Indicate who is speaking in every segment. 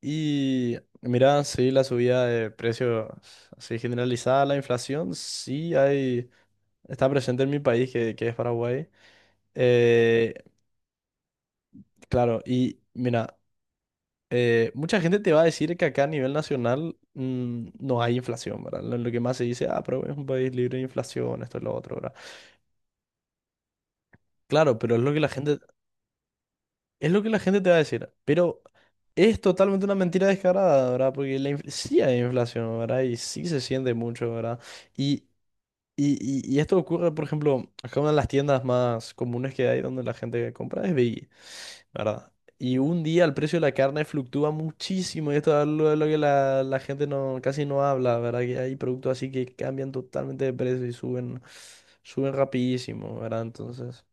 Speaker 1: Y mira, sí, la subida de precios así generalizada, la inflación, sí hay, está presente en mi país, que es Paraguay. Eh, claro, y mira, mucha gente te va a decir que acá a nivel nacional no hay inflación, ¿verdad? Lo que más se dice, ah, pero es un país libre de inflación, esto es lo otro, ¿verdad? Claro, pero es lo que la gente Es lo que la gente te va a decir, pero es totalmente una mentira descarada, ¿verdad? Porque sí hay inflación, ¿verdad? Y sí se siente mucho, ¿verdad? Y, y esto ocurre, por ejemplo, acá una de las tiendas más comunes que hay donde la gente compra es Veggie, ¿verdad? Y un día el precio de la carne fluctúa muchísimo y esto es algo de lo que la gente no, casi no habla, ¿verdad? Que hay productos así que cambian totalmente de precio y suben, suben rapidísimo, ¿verdad? Entonces,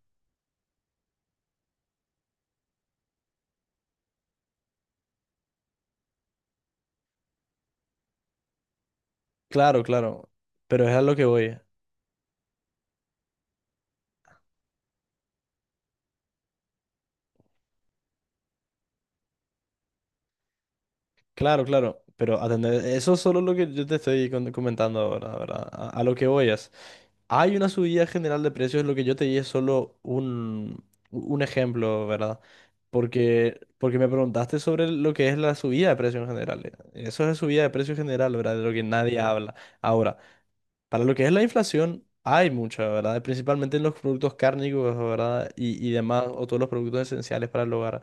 Speaker 1: claro, claro, pero es a lo que voy. Claro, claro, pero atender, eso es solo lo que yo te estoy comentando ahora, ¿verdad? A lo que voy es, hay una subida general de precios, lo que yo te di es solo un ejemplo, ¿verdad? Porque me preguntaste sobre lo que es la subida de precios en general. Eso es la subida de precios general, ¿verdad? De lo que nadie habla. Ahora, para lo que es la inflación, hay mucha, ¿verdad? Principalmente en los productos cárnicos, ¿verdad? Y demás, o todos los productos esenciales para el hogar.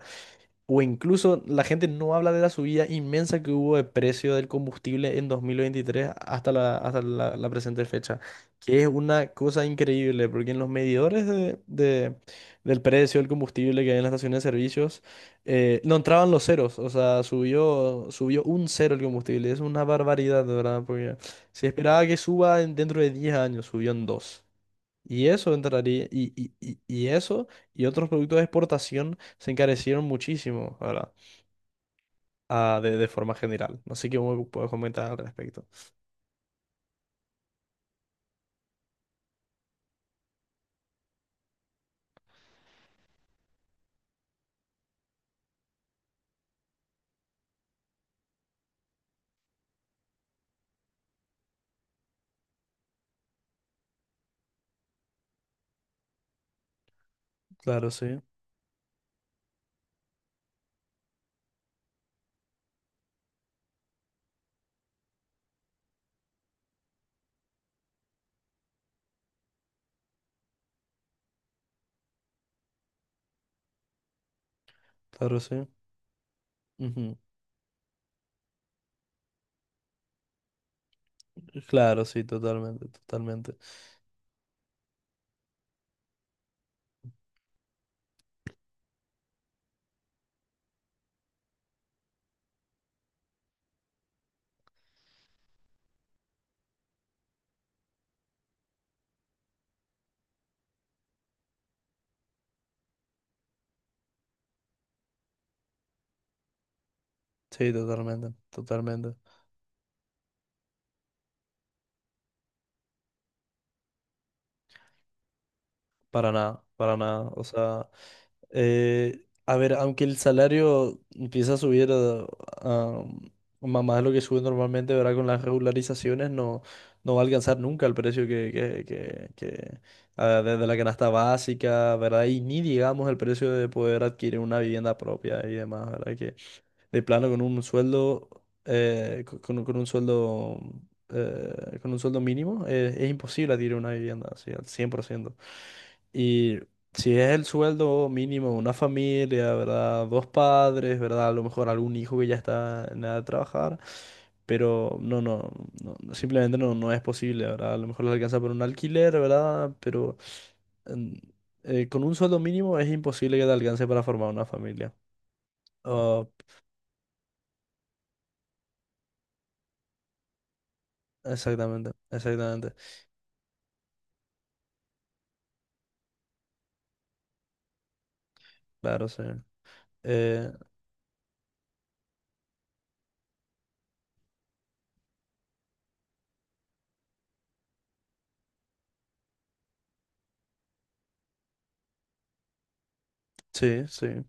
Speaker 1: O incluso la gente no habla de la subida inmensa que hubo de precio del combustible en 2023 la presente fecha, que es una cosa increíble, porque en los medidores del precio del combustible que hay en las estaciones de servicios, no entraban los ceros, o sea, subió, subió un cero el combustible, es una barbaridad, de verdad, porque se esperaba que suba dentro de 10 años, subió en dos. Y eso entraría, y eso y otros productos de exportación se encarecieron muchísimo, ¿verdad? Ah, de forma general. No sé qué me puedes comentar al respecto. Claro, sí, claro, sí. Ujú. Claro, sí, totalmente, totalmente. Sí, totalmente, totalmente. Para nada, para nada. O sea. A ver, aunque el salario empieza a subir a- a más de lo que sube normalmente, ¿verdad? Con las regularizaciones no, no va a alcanzar nunca el precio que, ah, desde la canasta básica, ¿verdad? Y ni digamos el precio de poder adquirir una vivienda propia y demás, ¿verdad? Que de plano con un sueldo, con un sueldo, con un sueldo mínimo, es imposible adquirir una vivienda, así, al 100%. Y si es el sueldo mínimo de una familia, ¿verdad? Dos padres, ¿verdad? A lo mejor algún hijo que ya está en edad de trabajar, pero no, no, no, no, simplemente no, no es posible, ¿verdad? A lo mejor le alcanza por un alquiler, ¿verdad? Pero mm, con un sueldo mínimo es imposible que te alcance para formar una familia. Exactamente, exactamente. Claro, sí. Eh, sí, sí.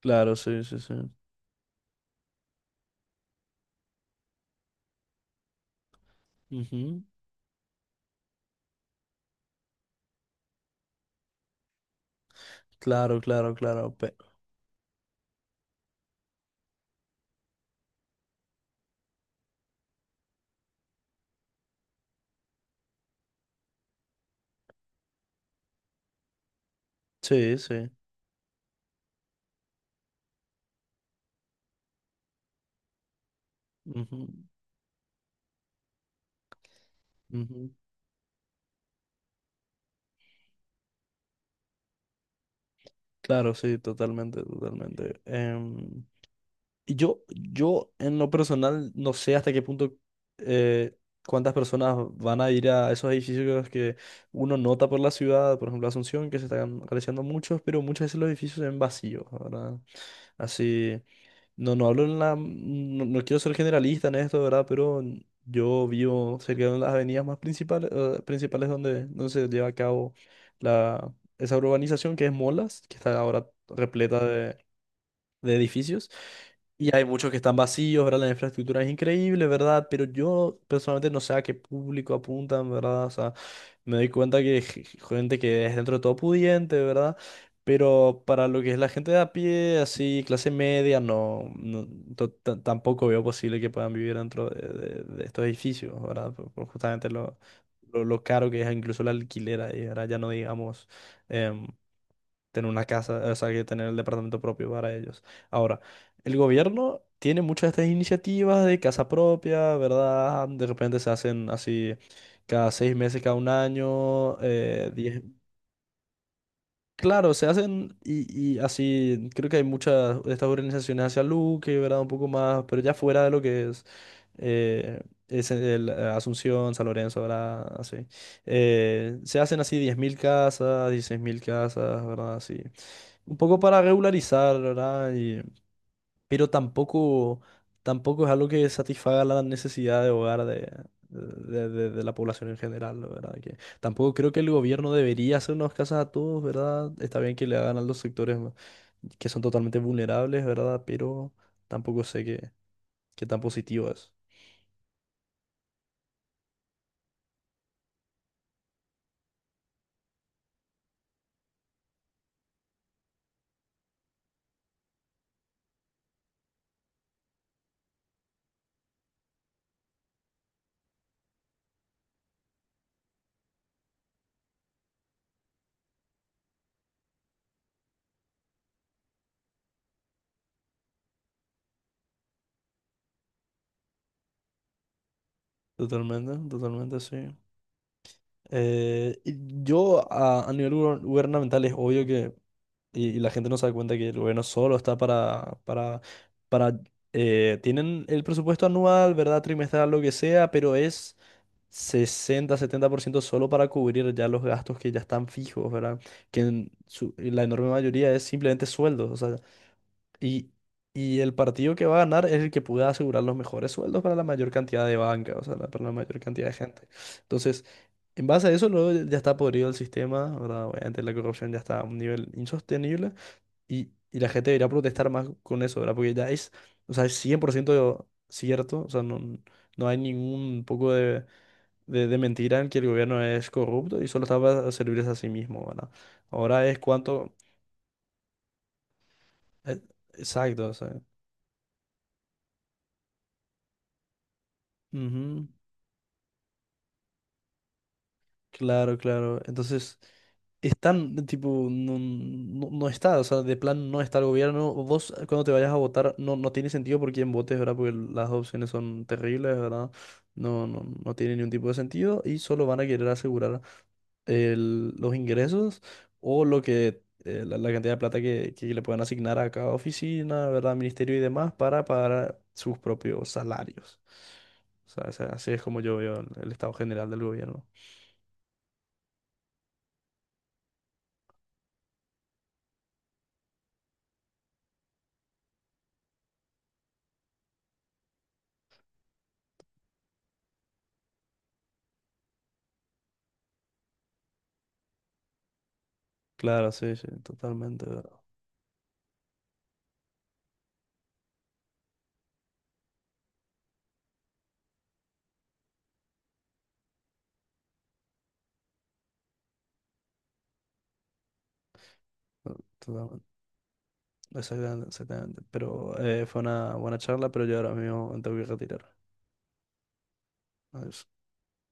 Speaker 1: Claro, sí, sí, sí. Ujú. Claro, claro, claro. Sí, sí. Ujú, ujú. Claro, sí, totalmente, totalmente. Y yo en lo personal no sé hasta qué punto eh, cuántas personas van a ir a esos edificios que uno nota por la ciudad, por ejemplo Asunción, que se están realizando muchos, pero muchas veces los edificios se ven vacíos, ¿verdad? Así. No, no hablo en la. No, no quiero ser generalista en esto, ¿verdad? Pero yo vivo cerca de las avenidas más principales, principales donde se lleva a cabo esa urbanización que es Molas, que está ahora repleta de edificios. Y hay muchos que están vacíos, ¿verdad? La infraestructura es increíble, ¿verdad? Pero yo personalmente no sé a qué público apuntan, ¿verdad? O sea, me doy cuenta que gente que es dentro de todo pudiente, ¿verdad? Pero para lo que es la gente de a pie, así, clase media, tampoco veo posible que puedan vivir dentro de estos edificios, ¿verdad? Por justamente lo caro que es incluso el alquiler ahí, ¿verdad? Ya no digamos em, tener una casa, o sea, que tener el departamento propio para ellos. Ahora, el gobierno tiene muchas de estas iniciativas de casa propia, ¿verdad? De repente se hacen así cada 6 meses, cada un año, diez, claro, se hacen y así, creo que hay muchas de estas organizaciones de salud que, ¿verdad? Un poco más, pero ya fuera de lo que eh, es Asunción, San Lorenzo, ¿verdad? Así. Se hacen así 10.000 casas, 16.000 casas, ¿verdad? Así. Un poco para regularizar, ¿verdad? Pero tampoco, tampoco es algo que satisfaga la necesidad de hogar de la población en general, ¿no? ¿Verdad? Que tampoco creo que el gobierno debería hacernos casas a todos, ¿verdad? Está bien que le hagan a los sectores que son totalmente vulnerables, ¿verdad? Pero tampoco sé qué tan positivo es. Totalmente, totalmente, sí. Y yo a nivel gubernamental es obvio que Y la gente no se da cuenta que el gobierno solo está para, tienen el presupuesto anual, ¿verdad? Trimestral, lo que sea, pero es 60-70% solo para cubrir ya los gastos que ya están fijos, ¿verdad? Que la enorme mayoría es simplemente sueldos, o sea, y, y el partido que va a ganar es el que pueda asegurar los mejores sueldos para la mayor cantidad de banca, o sea, para la mayor cantidad de gente. Entonces, en base a eso, luego ya está podrido el sistema, ¿verdad? Obviamente la corrupción ya está a un nivel insostenible. Y la gente debería protestar más con eso, ¿verdad? Porque ya es, o sea, es 100% cierto, o sea, no, no hay ningún poco de mentira en que el gobierno es corrupto y solo está para servirse a sí mismo, ¿verdad? Ahora es cuánto. eh, Exacto, o sea. Ujú. Claro, claro. Entonces, están, tipo, no, no, no está, o sea, de plan no está el gobierno. Vos cuando te vayas a votar, no, no tiene sentido por quién votes, ¿verdad? Porque las opciones son terribles, ¿verdad? No, no, no tiene ningún tipo de sentido y solo van a querer asegurar los ingresos o lo que la cantidad de plata que le puedan asignar a cada oficina, ¿verdad? Ministerio y demás para pagar sus propios salarios. O sea, así es como yo veo el estado general del gobierno. Claro, sí, sí, totalmente, bro. Totalmente. Exactamente, exactamente. Pero fue una buena charla, pero yo ahora mismo me tengo que retirar. Adiós.